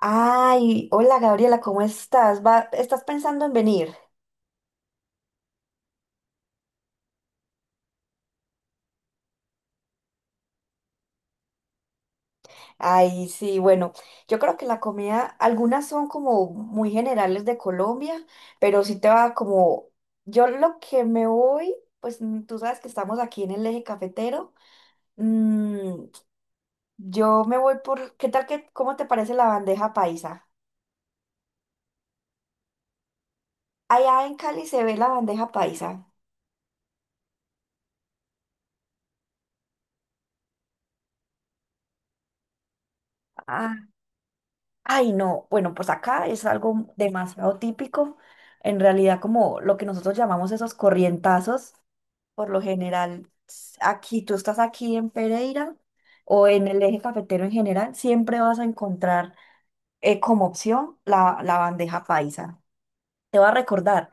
Ay, hola Gabriela, ¿cómo estás? ¿Estás pensando en venir? Ay, sí, bueno, yo creo que la comida, algunas son como muy generales de Colombia, pero sí te va como, yo lo que me voy, pues tú sabes que estamos aquí en el eje cafetero, mm, yo me voy por, ¿qué tal que, cómo te parece la bandeja paisa? Allá en Cali se ve la bandeja paisa. Ay, no, bueno, pues acá es algo demasiado típico. En realidad, como lo que nosotros llamamos esos corrientazos, por lo general, aquí tú estás aquí en Pereira o en el eje cafetero en general, siempre vas a encontrar como opción la bandeja paisa. Te va a recordar,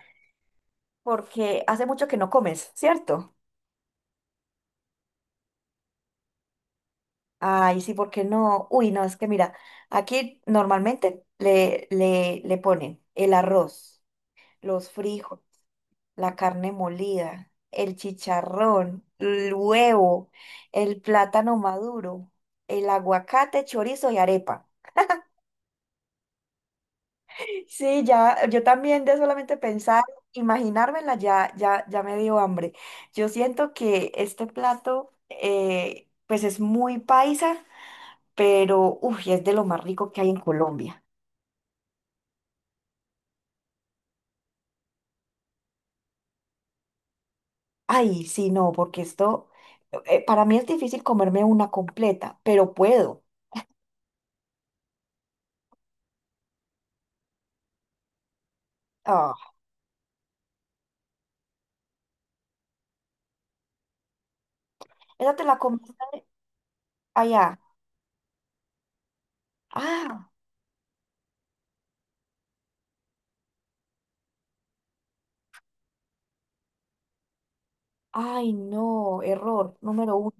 porque hace mucho que no comes, ¿cierto? Ay, sí, ¿por qué no? Uy, no, es que mira, aquí normalmente le ponen el arroz, los frijoles, la carne molida, el chicharrón, el huevo, el plátano maduro, el aguacate, chorizo y arepa. Sí, ya, yo también de solamente pensar, imaginármela, ya me dio hambre. Yo siento que este plato, pues es muy paisa, pero uff, es de lo más rico que hay en Colombia. Ay, sí, no, porque esto, para mí es difícil comerme una completa, pero puedo. Ah, esa te la comiste allá. Ah, ay, no, error número uno.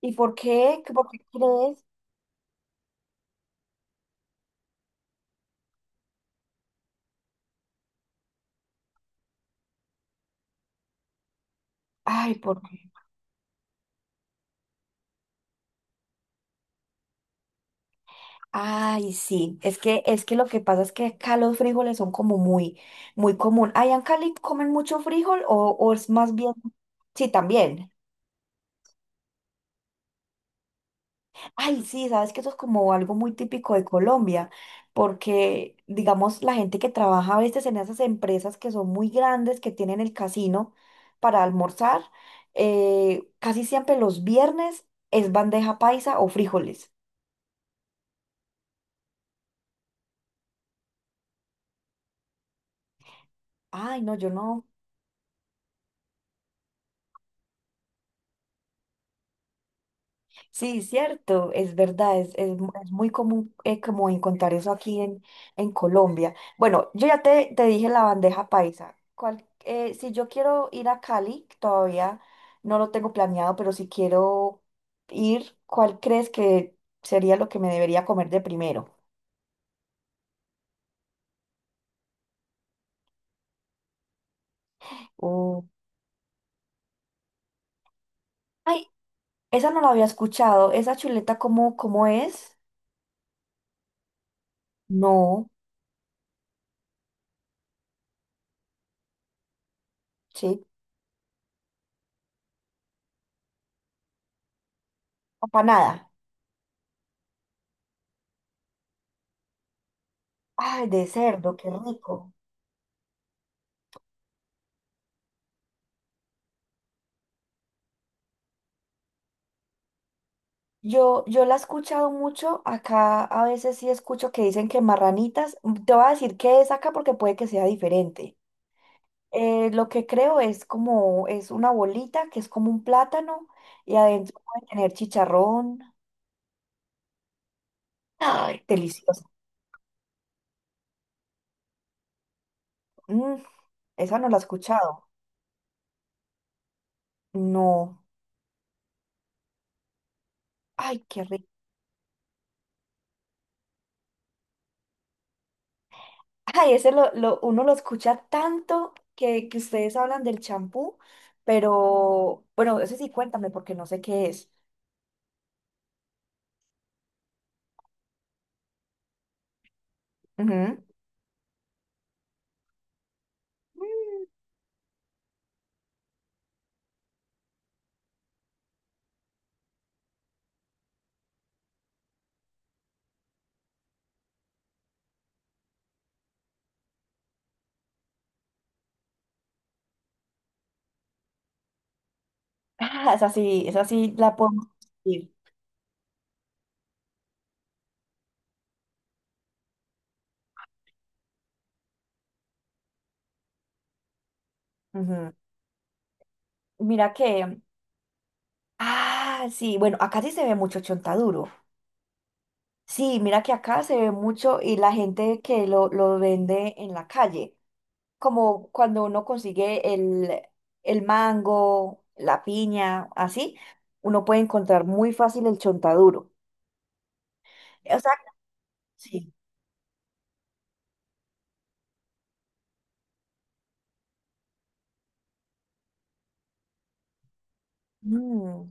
¿Y por qué? ¿Por qué crees? Ay, ¿por qué? Ay, sí, es que lo que pasa es que acá los frijoles son como muy, muy común. ¿Allá en Cali comen mucho frijol o es más bien? Sí, también. Ay, sí, sabes que eso es como algo muy típico de Colombia, porque digamos la gente que trabaja a veces en esas empresas que son muy grandes, que tienen el casino para almorzar, casi siempre los viernes es bandeja paisa o frijoles. Ay, no, yo no. Sí, cierto, es verdad, es, es muy común, como encontrar eso aquí en Colombia. Bueno, yo ya te dije la bandeja paisa. Si yo quiero ir a Cali, todavía no lo tengo planeado, pero si quiero ir, ¿cuál crees que sería lo que me debería comer de primero? Uh, Ay, esa no la había escuchado. ¿Esa chuleta cómo, cómo es? No, sí, empanada. Ay, de cerdo, qué rico. Yo la he escuchado mucho, acá a veces sí escucho que dicen que marranitas, mm, te voy a decir qué es acá porque puede que sea diferente. Lo que creo es como, es una bolita que es como un plátano y adentro puede tener chicharrón. Ay, delicioso. Mm, esa no la he escuchado. No. Ay, qué rico. Ay, ese uno lo escucha tanto que ustedes hablan del champú, pero bueno, ese sí cuéntame porque no sé qué es. Ujú. Ah, esa sí la podemos ir. Mira que, ah, sí, bueno, acá sí se ve mucho chontaduro. Sí, mira que acá se ve mucho y la gente que lo vende en la calle, como cuando uno consigue el mango, la piña, así, uno puede encontrar muy fácil el chontaduro. O sea, sí. Mm,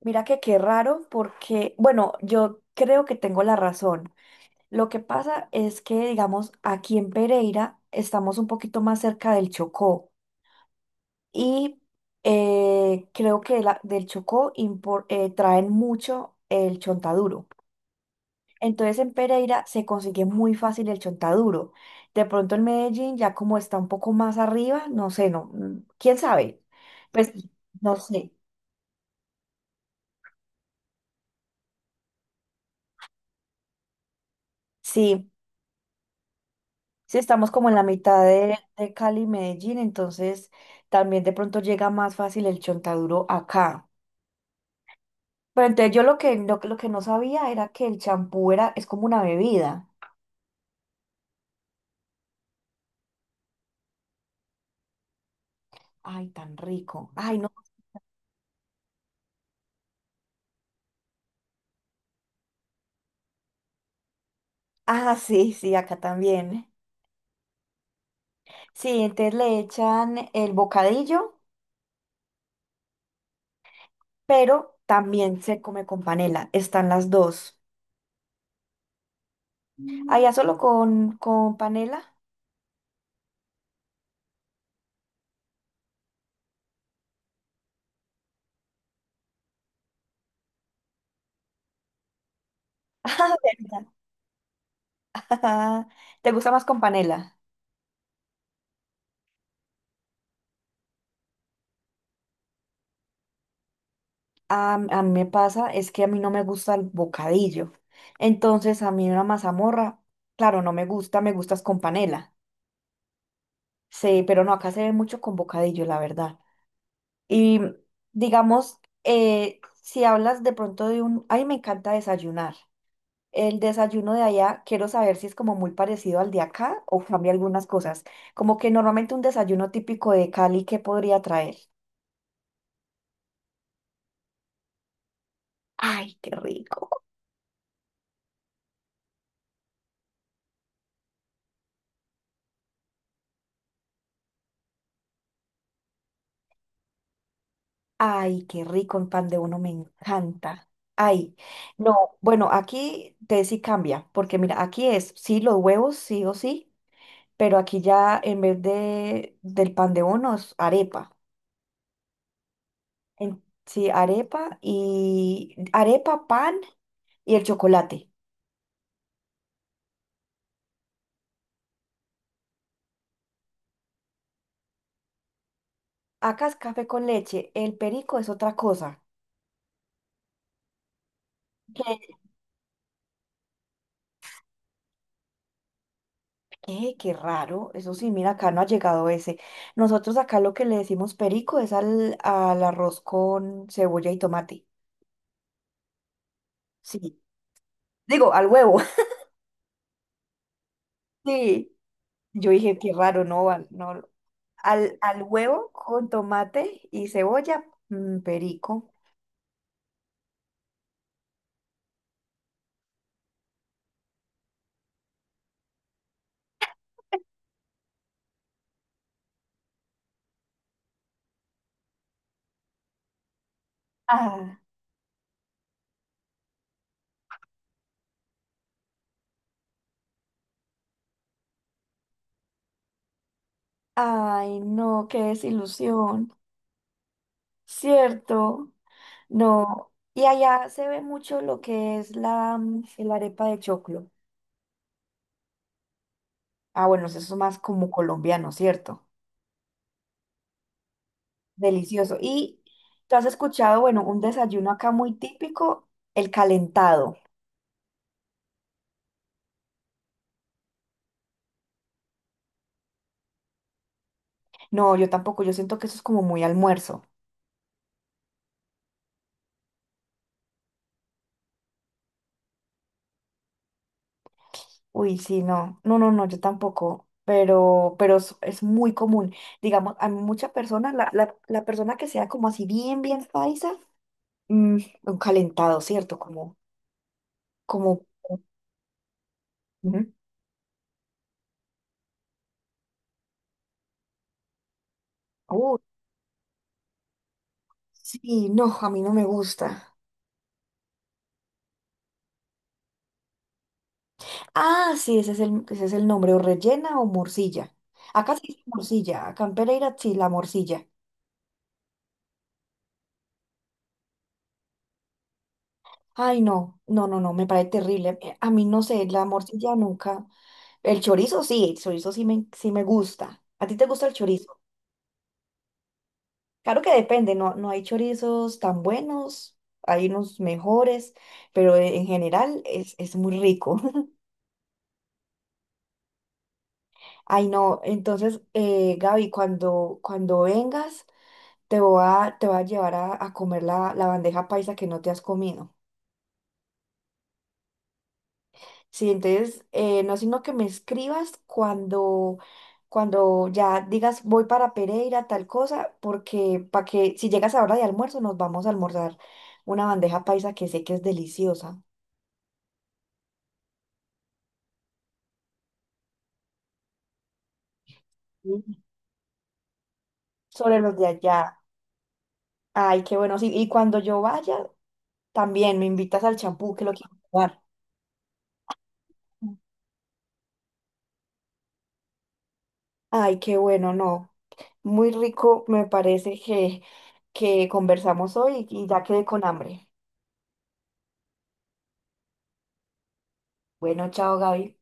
mira que qué raro porque, bueno, yo creo que tengo la razón. Lo que pasa es que, digamos, aquí en Pereira estamos un poquito más cerca del Chocó y creo que traen mucho el chontaduro. Entonces en Pereira se consigue muy fácil el chontaduro. De pronto en Medellín, ya como está un poco más arriba, no sé, no, mm, quién sabe. Pues no sé. Sí, sí estamos como en la mitad de Cali y Medellín, entonces también de pronto llega más fácil el chontaduro acá. Pero entonces yo lo que, lo que no sabía era que el champú era, es como una bebida. Ay, tan rico. Ay, no. Ah, sí, sí, acá también. Sí, entonces le echan el bocadillo, pero también se come con panela. Están las dos. Allá solo con panela. Ah, ¿verdad? ¿Te gusta más con panela? A mí me pasa, es que a mí no me gusta el bocadillo. Entonces, a mí una mazamorra, claro, no me gusta, me gustas con panela. Sí, pero no, acá se ve mucho con bocadillo, la verdad. Y mm, digamos, si hablas de pronto de un, ay, me encanta desayunar. El desayuno de allá, quiero saber si es como muy parecido al de acá o cambia algunas cosas. Como que normalmente un desayuno típico de Cali, ¿qué podría traer? Ay, qué rico. Ay, qué rico, un pan de uno me encanta. Ay, no, bueno, aquí te sí cambia, porque mira, aquí es sí los huevos, sí o sí, pero aquí ya en vez de del pan de bonos, arepa. Sí, arepa y arepa, pan y el chocolate. Acá es café con leche, el perico es otra cosa. ¿Qué? ¿Qué? Qué raro. Eso sí, mira, acá no ha llegado ese. Nosotros acá lo que le decimos perico es al, al arroz con cebolla y tomate. Sí. Digo, al huevo. Sí. Yo dije, qué raro, no, no. Al huevo con tomate y cebolla, mm, perico. Ah, ay, no, qué desilusión, ¿cierto? No, y allá se ve mucho lo que es la, mm, el arepa de choclo. Ah, bueno, eso es más como colombiano, ¿cierto? Delicioso. Y tú has escuchado, bueno, un desayuno acá muy típico, el calentado. No, yo tampoco, yo siento que eso es como muy almuerzo. Uy, sí, no, no, no, no, yo tampoco. Pero es muy común. Digamos, a muchas personas, la persona que sea como así bien, bien paisa, mm, un calentado, ¿cierto? Como, como, ujú, uh, sí, no, a mí no me gusta. Ah, sí, ese es el nombre, o rellena o morcilla. Acá sí dice morcilla, acá en Pereira sí, la morcilla. Ay, no, no, no, no, me parece terrible. A mí no sé, la morcilla nunca. El chorizo sí me gusta. ¿A ti te gusta el chorizo? Claro que depende, no, no hay chorizos tan buenos, hay unos mejores, pero en general es muy rico. Ay, no, entonces, Gaby, cuando, cuando vengas, te voy a llevar a comer la, la bandeja paisa que no te has comido. Sí, entonces, no, sino que me escribas cuando, cuando ya digas voy para Pereira, tal cosa, porque para que si llegas a hora de almuerzo, nos vamos a almorzar una bandeja paisa que sé que es deliciosa. Mm. Sobre los de allá. Ay, qué bueno. Sí, y cuando yo vaya, también me invitas al champú que lo quiero probar. Ay, qué bueno, no. Muy rico me parece que conversamos hoy y ya quedé con hambre. Bueno, chao, Gaby.